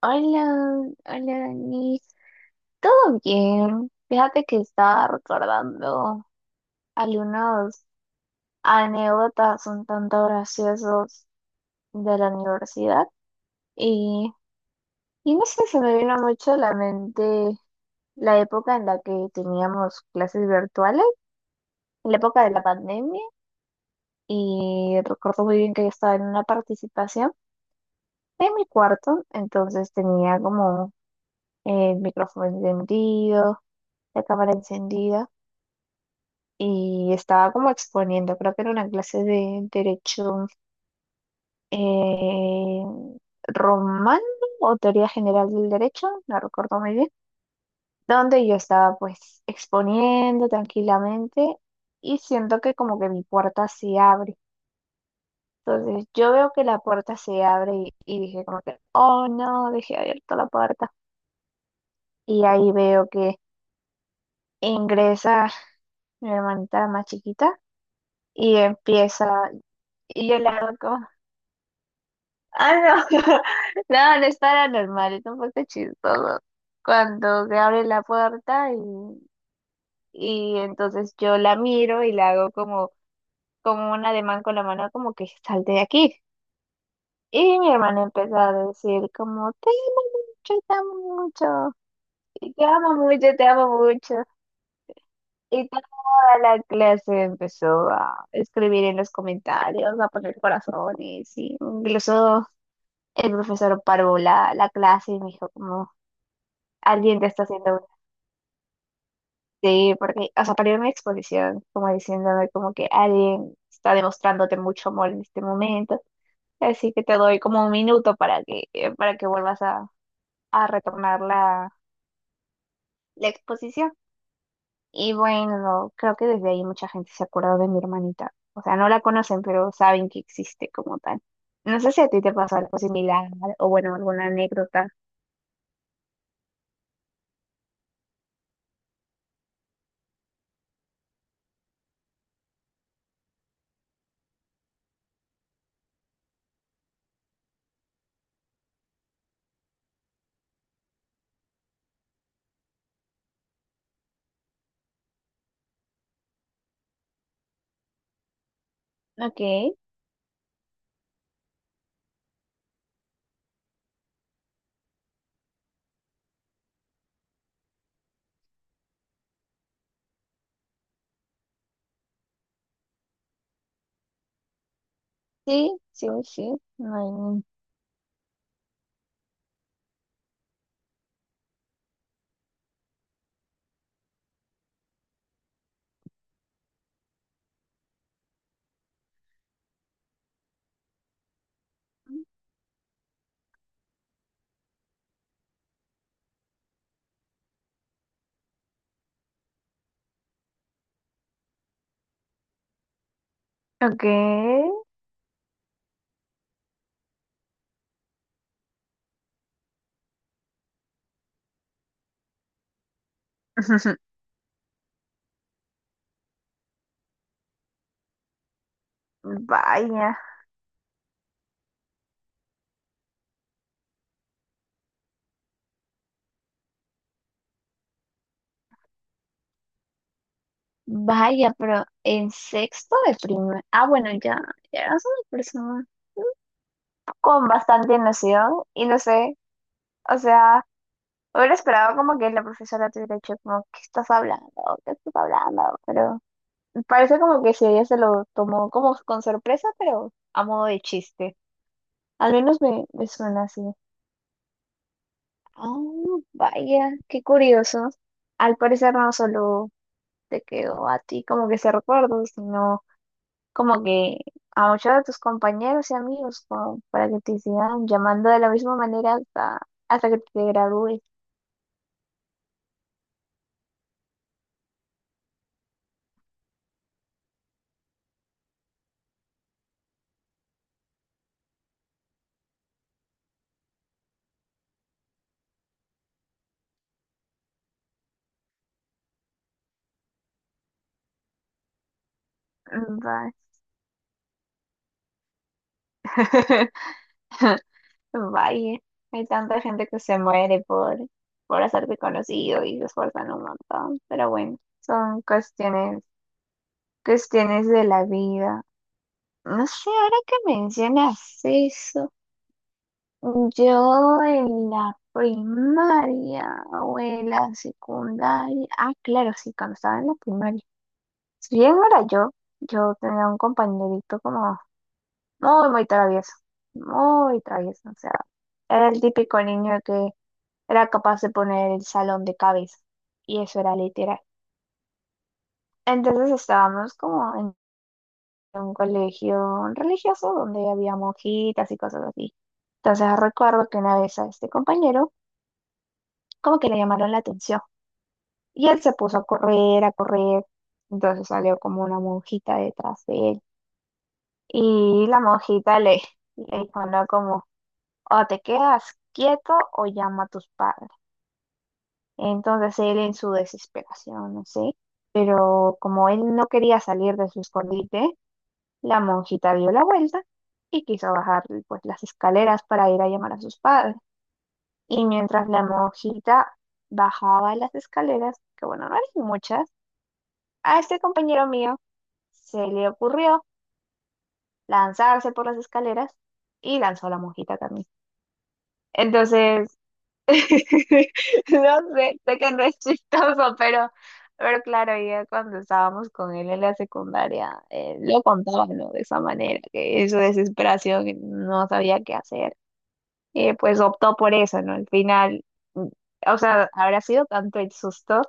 Hola, hola Dani. ¿Todo bien? Fíjate que estaba recordando algunas anécdotas un tanto graciosas de la universidad y, y no sé, se me vino mucho a la mente la época en la que teníamos clases virtuales, la época de la pandemia y recuerdo muy bien que yo estaba en una participación en mi cuarto, entonces tenía como el micrófono encendido, la cámara encendida. Y estaba como exponiendo, creo que era una clase de derecho eh, romano o teoría general del derecho, no recuerdo muy bien, donde yo estaba pues exponiendo tranquilamente y siento que como que mi puerta se abre. Entonces yo veo que la puerta se abre y dije como que, oh no, dejé abierta la puerta. Y ahí veo que ingresa mi hermanita la más chiquita y empieza, y yo le hago como. Ah, no. No, no es paranormal, es un poco chistoso. Cuando se abre la puerta y entonces yo la miro y la hago como un ademán con la mano, como que salte de aquí. Y mi hermana empezó a decir como, te amo mucho, y te amo mucho, te amo mucho. Y toda la clase empezó a escribir en los comentarios, a poner corazones, y incluso el profesor paró la clase y me dijo como. Alguien te está haciendo una. Sí, porque, o sea, para una exposición, como diciéndome como que alguien está demostrándote mucho amor en este momento, así que te doy como un minuto para que vuelvas a retornar la exposición. Y bueno, creo que desde ahí mucha gente se acuerda de mi hermanita. O sea, no la conocen, pero saben que existe como tal. No sé si a ti te pasó algo similar o bueno, alguna anécdota. Ok, sí, sí, sí. No hay... ningún- Ok. Vaya, vaya, pero en sexto de primaria. Ah, bueno, ya, ya eras una persona con bastante noción y no sé, o sea, hubiera esperado como que la profesora te hubiera dicho como, ¿qué estás hablando? ¿Qué estás hablando? Pero parece como que si ella se lo tomó como con sorpresa, pero a modo de chiste. Al menos me suena así. Ah, vaya, qué curioso. Al parecer no solo te quedó a ti como que ese recuerdo, sino como que a muchos de tus compañeros y amigos, como para que te sigan llamando de la misma manera hasta que te gradúes. Mm, va- Vaya, hay tanta gente que se muere por hacerte conocido y se esfuerzan un montón, pero bueno, son cuestiones, cuestiones de la vida. No sé, ahora que mencionas eso. Yo en la primaria o en la secundaria, ah, claro, sí, cuando estaba en la primaria. Si bien no era yo, yo tenía un compañerito como muy, muy travieso, o sea, era el típico niño que era capaz de poner el salón de cabeza, y eso era literal. Entonces estábamos como en un colegio religioso donde había monjitas y cosas así. Entonces recuerdo que una vez a este compañero como que le llamaron la atención. Y él se puso a correr, a correr. Entonces salió como una monjita detrás de él. Y la monjita le dijo, no, como, o te quedas quieto o llama a tus padres. Entonces él en su desesperación, no sé, pero como él no quería salir de su escondite, la monjita dio la vuelta y quiso bajar pues las escaleras para ir a llamar a sus padres. Y mientras la monjita bajaba las escaleras, que bueno, no eran muchas, a este compañero mío se le ocurrió lanzarse por las escaleras y lanzó la mojita también. Entonces, no sé, sé que no es chistoso, pero claro, ya cuando estábamos con él en la secundaria, lo contaba, ¿no? De esa manera, que en su desesperación no sabía qué hacer. Y pues optó por eso, ¿no? Al final, mm, o sea, habrá sido tanto el susto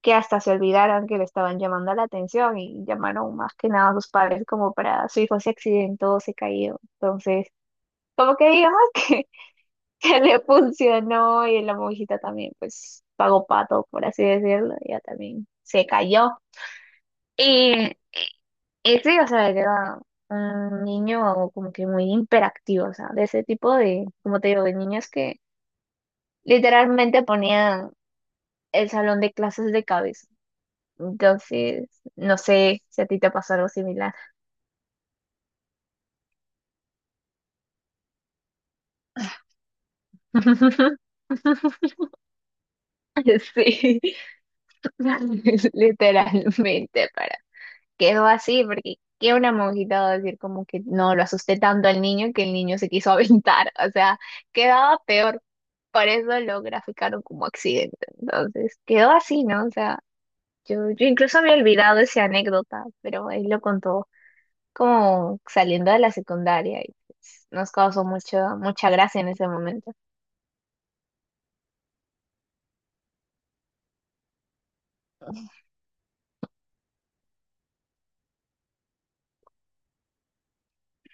que hasta se olvidaron que le estaban llamando la atención y llamaron más que nada a sus padres como para su hijo se accidentó, se cayó. Entonces, como que digamos que le funcionó y la monjita también pues pagó pato, por así decirlo, ella también se cayó. Y, y sí, o sea, era un niño como que muy hiperactivo, o sea, de ese tipo de, como te digo, de niños que literalmente ponían el salón de clases de cabeza. Entonces, no sé si a ti te pasó algo similar. Sí, literalmente, para. Quedó así, porque qué una monjita va a decir como que no, lo asusté tanto al niño que el niño se quiso aventar. O sea, quedaba peor. Por eso lo graficaron como accidente. Entonces, quedó así, ¿no? O sea, yo incluso había olvidado esa anécdota, pero él lo contó como saliendo de la secundaria y pues, nos causó mucho, mucha gracia en ese momento.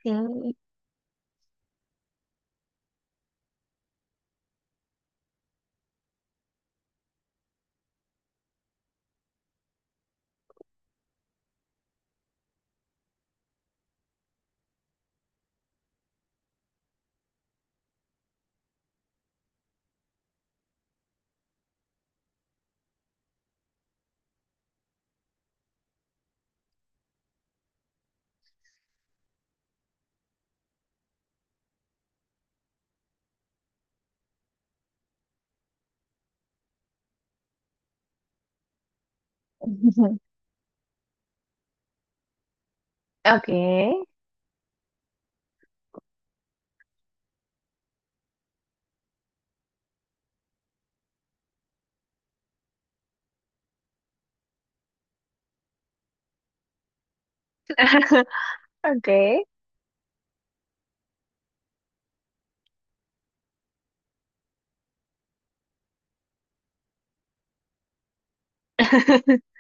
Sí. Okay. Okay.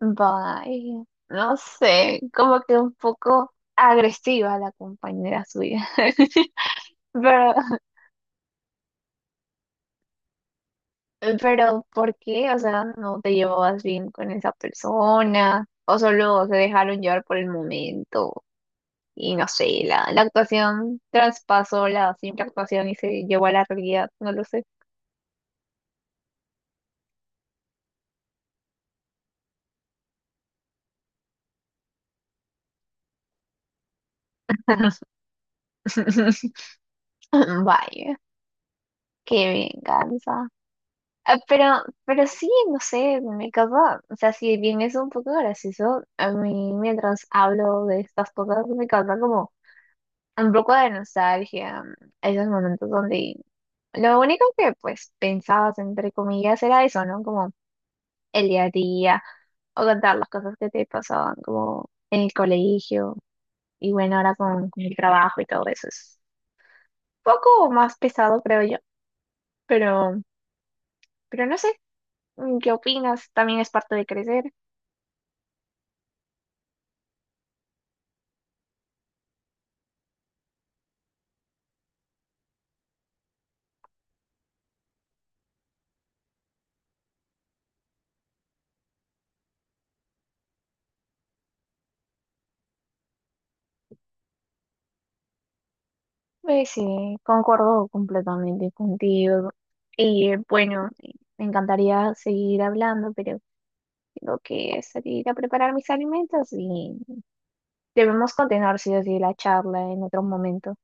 Bye. No sé, como que un poco agresiva la compañera suya. Pero, pero, ¿por qué? O sea, ¿no te llevabas bien con esa persona? ¿O solo se dejaron llevar por el momento? Y no sé, la actuación traspasó la simple actuación y se llevó a la realidad, no lo sé. Vaya, qué venganza. Ah, pero, sí, no sé, me causa, o sea, si bien es un poco gracioso, a mí mientras hablo de estas cosas me causa como un poco de nostalgia, esos momentos donde lo único que pues pensabas entre comillas era eso, ¿no? Como el día a día o contar las cosas que te pasaban como en el colegio. Y bueno, ahora con el trabajo y todo eso es un poco más pesado, creo yo. Pero, pero, no sé, ¿qué opinas? También es parte de crecer. Pues sí, concuerdo completamente contigo. Y bueno, me encantaría seguir hablando, pero tengo que salir a preparar mis alimentos y debemos continuar, sí o sí, la charla en otro momento.